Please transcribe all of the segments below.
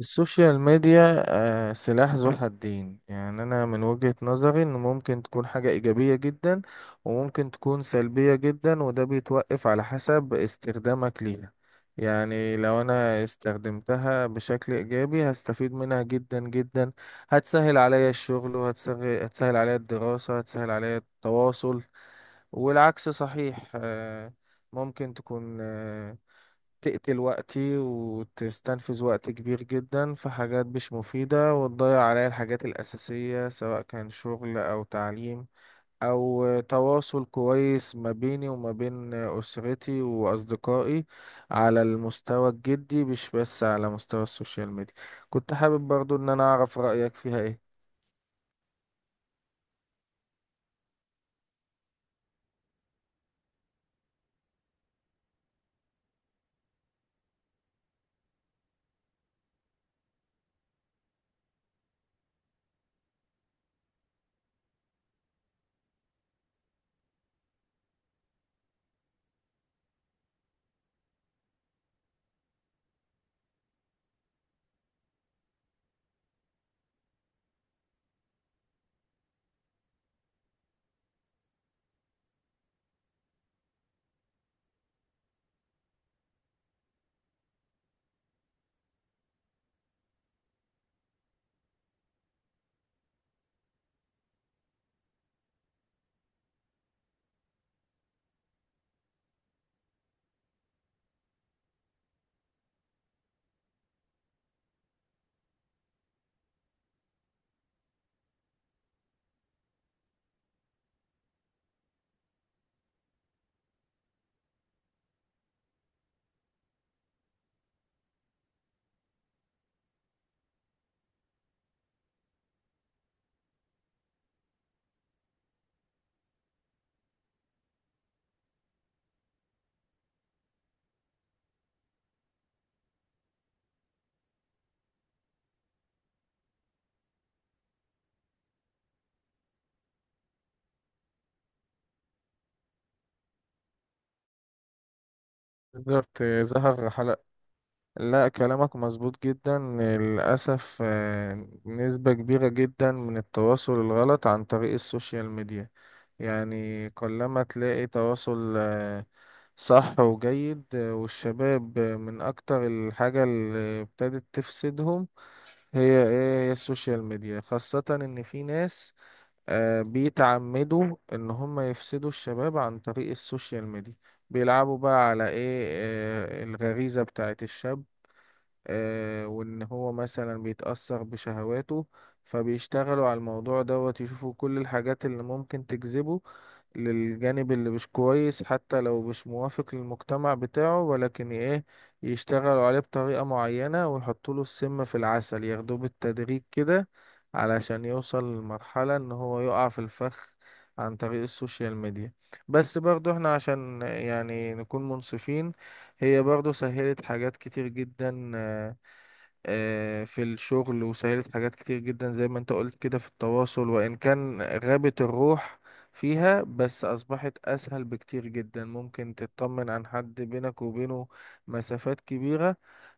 السوشيال ميديا، سلاح ذو حدين. يعني أنا من وجهة نظري إن ممكن تكون حاجة إيجابية جدا، وممكن تكون سلبية جدا، وده بيتوقف على حسب استخدامك ليها. يعني لو أنا استخدمتها بشكل إيجابي هستفيد منها جدا جدا، هتسهل عليا الشغل، وهتسهل عليا الدراسة، هتسهل عليا التواصل. والعكس صحيح. ممكن تكون، تقتل وقتي وتستنفذ وقت كبير جدا في حاجات مش مفيدة، وتضيع عليا الحاجات الأساسية سواء كان شغل أو تعليم أو تواصل كويس ما بيني وما بين أسرتي وأصدقائي على المستوى الجدي، مش بس على مستوى السوشيال ميديا. كنت حابب برضو إن أنا أعرف رأيك فيها إيه؟ بالظبط ظهر حلقة. لا، كلامك مظبوط جدا للأسف. نسبة كبيرة جدا من التواصل الغلط عن طريق السوشيال ميديا. يعني قلما تلاقي تواصل صح وجيد. والشباب من أكتر الحاجة اللي ابتدت تفسدهم هي إيه؟ هي السوشيال ميديا، خاصة إن في ناس بيتعمدوا إن هم يفسدوا الشباب عن طريق السوشيال ميديا. بيلعبوا بقى على إيه، الغريزة بتاعت الشاب. وان هو مثلا بيتأثر بشهواته، فبيشتغلوا على الموضوع دوت يشوفوا كل الحاجات اللي ممكن تجذبه للجانب اللي مش كويس، حتى لو مش موافق للمجتمع بتاعه. ولكن ايه، يشتغلوا عليه بطريقة معينة ويحطوا له السم في العسل، ياخدوه بالتدريج كده علشان يوصل لمرحلة ان هو يقع في الفخ عن طريق السوشيال ميديا. بس برضو احنا عشان يعني نكون منصفين، هي برضو سهلت حاجات كتير جدا، في الشغل، وسهلت حاجات كتير جدا زي ما انت قلت كده في التواصل، وإن كان غابت الروح فيها، بس أصبحت أسهل بكتير جدا. ممكن تطمن عن حد بينك وبينه مسافات كبيرة،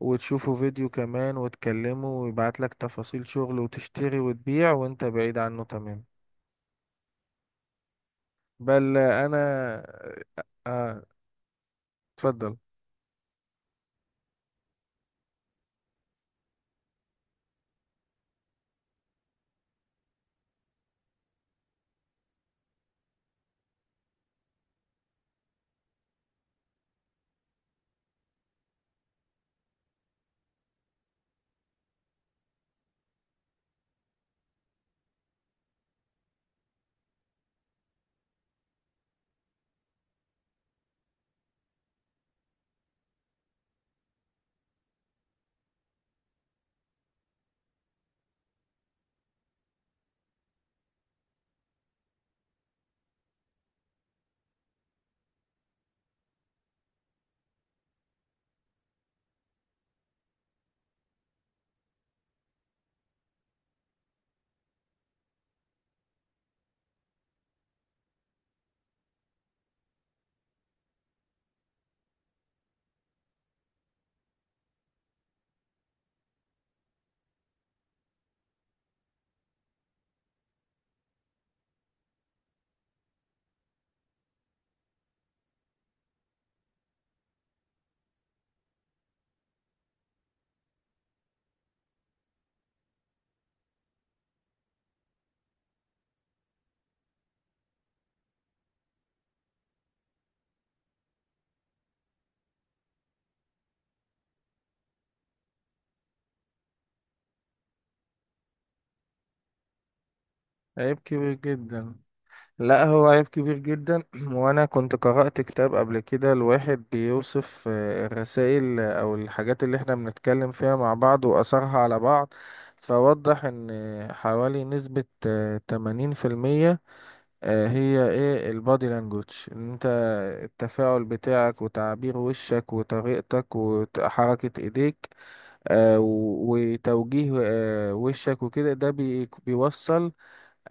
وتشوفوا فيديو كمان وتكلموا، ويبعت لك تفاصيل شغل وتشتري وتبيع وانت بعيد عنه تمام. بل أنا آه، اتفضل. عيب كبير جدا. لا، هو عيب كبير جدا. وانا كنت قرأت كتاب قبل كده الواحد بيوصف الرسائل او الحاجات اللي احنا بنتكلم فيها مع بعض واثرها على بعض. فوضح ان حوالي نسبة 80%. هي ايه البادي لانجوج؟ ان انت، التفاعل بتاعك وتعبير وشك وطريقتك وحركة ايديك، وتوجيه وشك وكده، ده بيوصل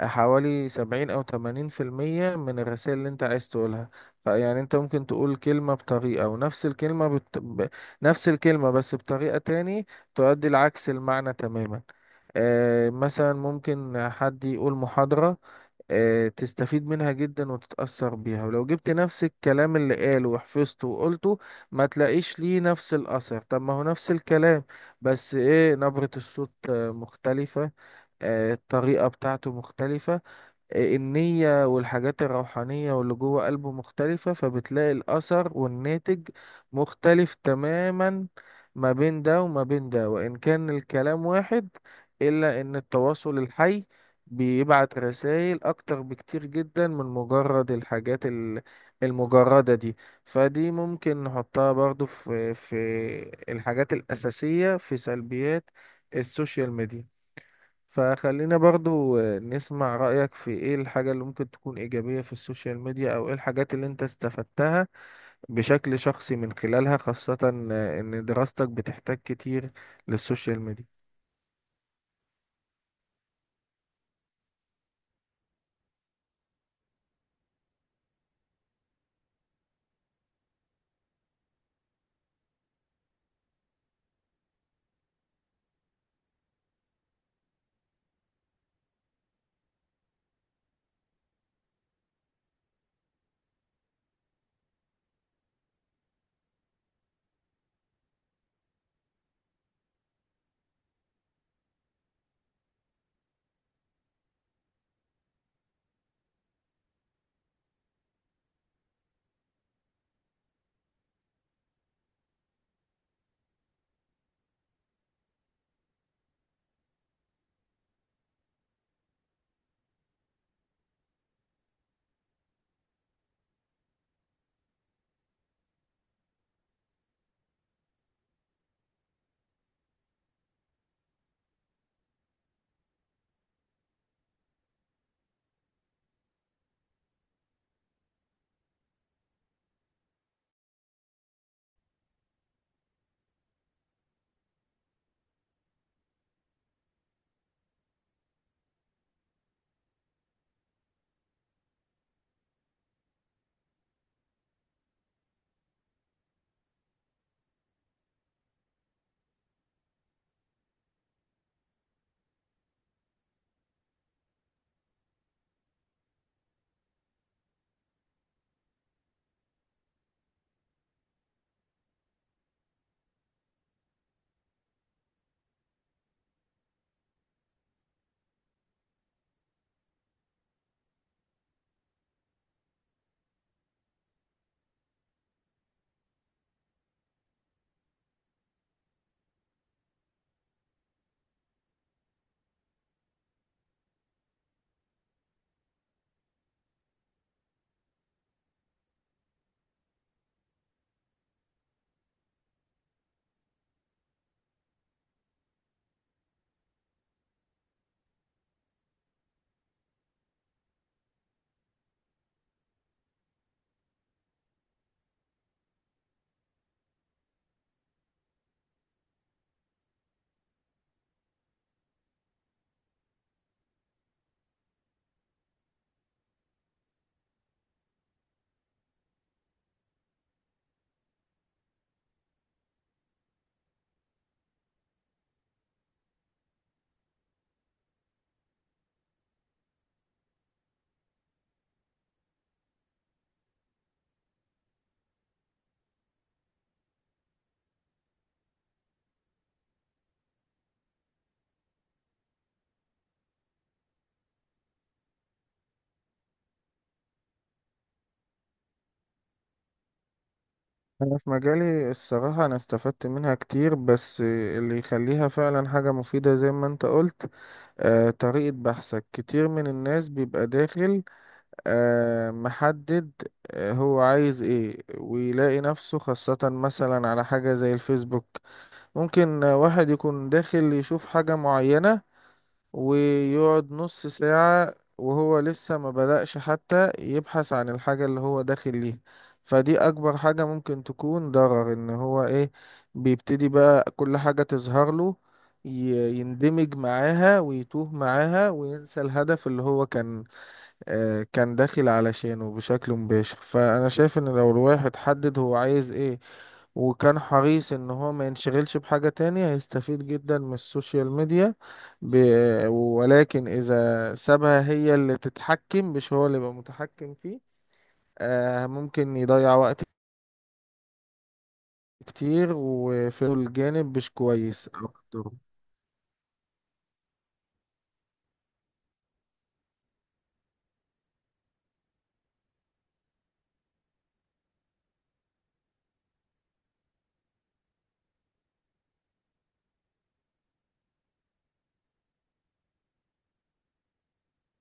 حوالي 70 أو 80% من الرسائل اللي أنت عايز تقولها. فيعني أنت ممكن تقول كلمة بطريقة، ونفس الكلمة نفس الكلمة بس بطريقة تاني تؤدي العكس المعنى تماما. آه مثلا ممكن حد يقول محاضرة تستفيد منها جدا وتتأثر بيها، ولو جبت نفس الكلام اللي قاله وحفظته وقلته ما تلاقيش ليه نفس الأثر. طب ما هو نفس الكلام، بس ايه، نبرة الصوت مختلفة، الطريقة بتاعته مختلفة، النية والحاجات الروحانية واللي جوه قلبه مختلفة. فبتلاقي الأثر والناتج مختلف تماما ما بين ده وما بين ده، وإن كان الكلام واحد. إلا إن التواصل الحي بيبعت رسائل أكتر بكتير جدا من مجرد الحاجات المجردة دي. فدي ممكن نحطها برضو في الحاجات الأساسية في سلبيات السوشيال ميديا. فخلينا برضو نسمع رأيك في ايه الحاجة اللي ممكن تكون إيجابية في السوشيال ميديا، او ايه الحاجات اللي انت استفدتها بشكل شخصي من خلالها، خاصة ان دراستك بتحتاج كتير للسوشيال ميديا. أنا في مجالي الصراحة أنا استفدت منها كتير، بس اللي يخليها فعلا حاجة مفيدة زي ما أنت قلت طريقة بحثك. كتير من الناس بيبقى داخل محدد، هو عايز إيه، ويلاقي نفسه خاصة مثلا على حاجة زي الفيسبوك. ممكن واحد يكون داخل يشوف حاجة معينة، ويقعد نص ساعة وهو لسه ما بدأش حتى يبحث عن الحاجة اللي هو داخل ليها. فدي أكبر حاجة ممكن تكون ضرر، إن هو إيه، بيبتدي بقى كل حاجة تظهر له يندمج معاها ويتوه معاها وينسى الهدف اللي هو كان كان داخل علشانه بشكل مباشر. فانا شايف ان لو الواحد حدد هو عايز ايه، وكان حريص ان هو ما ينشغلش بحاجة تانية، هيستفيد جدا من السوشيال ميديا. ب... ولكن اذا سابها هي اللي تتحكم، مش هو اللي يبقى متحكم فيه، ممكن يضيع وقت كتير وفي الجانب مش كويس اكتر.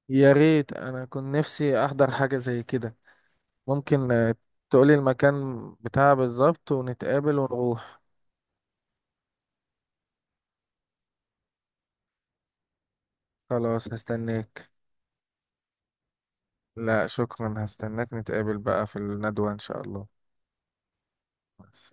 يا ريت، انا كنت نفسي احضر حاجة زي كده. ممكن تقولي المكان بتاعها بالظبط ونتقابل ونروح. خلاص، هستناك. لا شكرا، هستناك، نتقابل بقى في الندوة إن شاء الله. بس.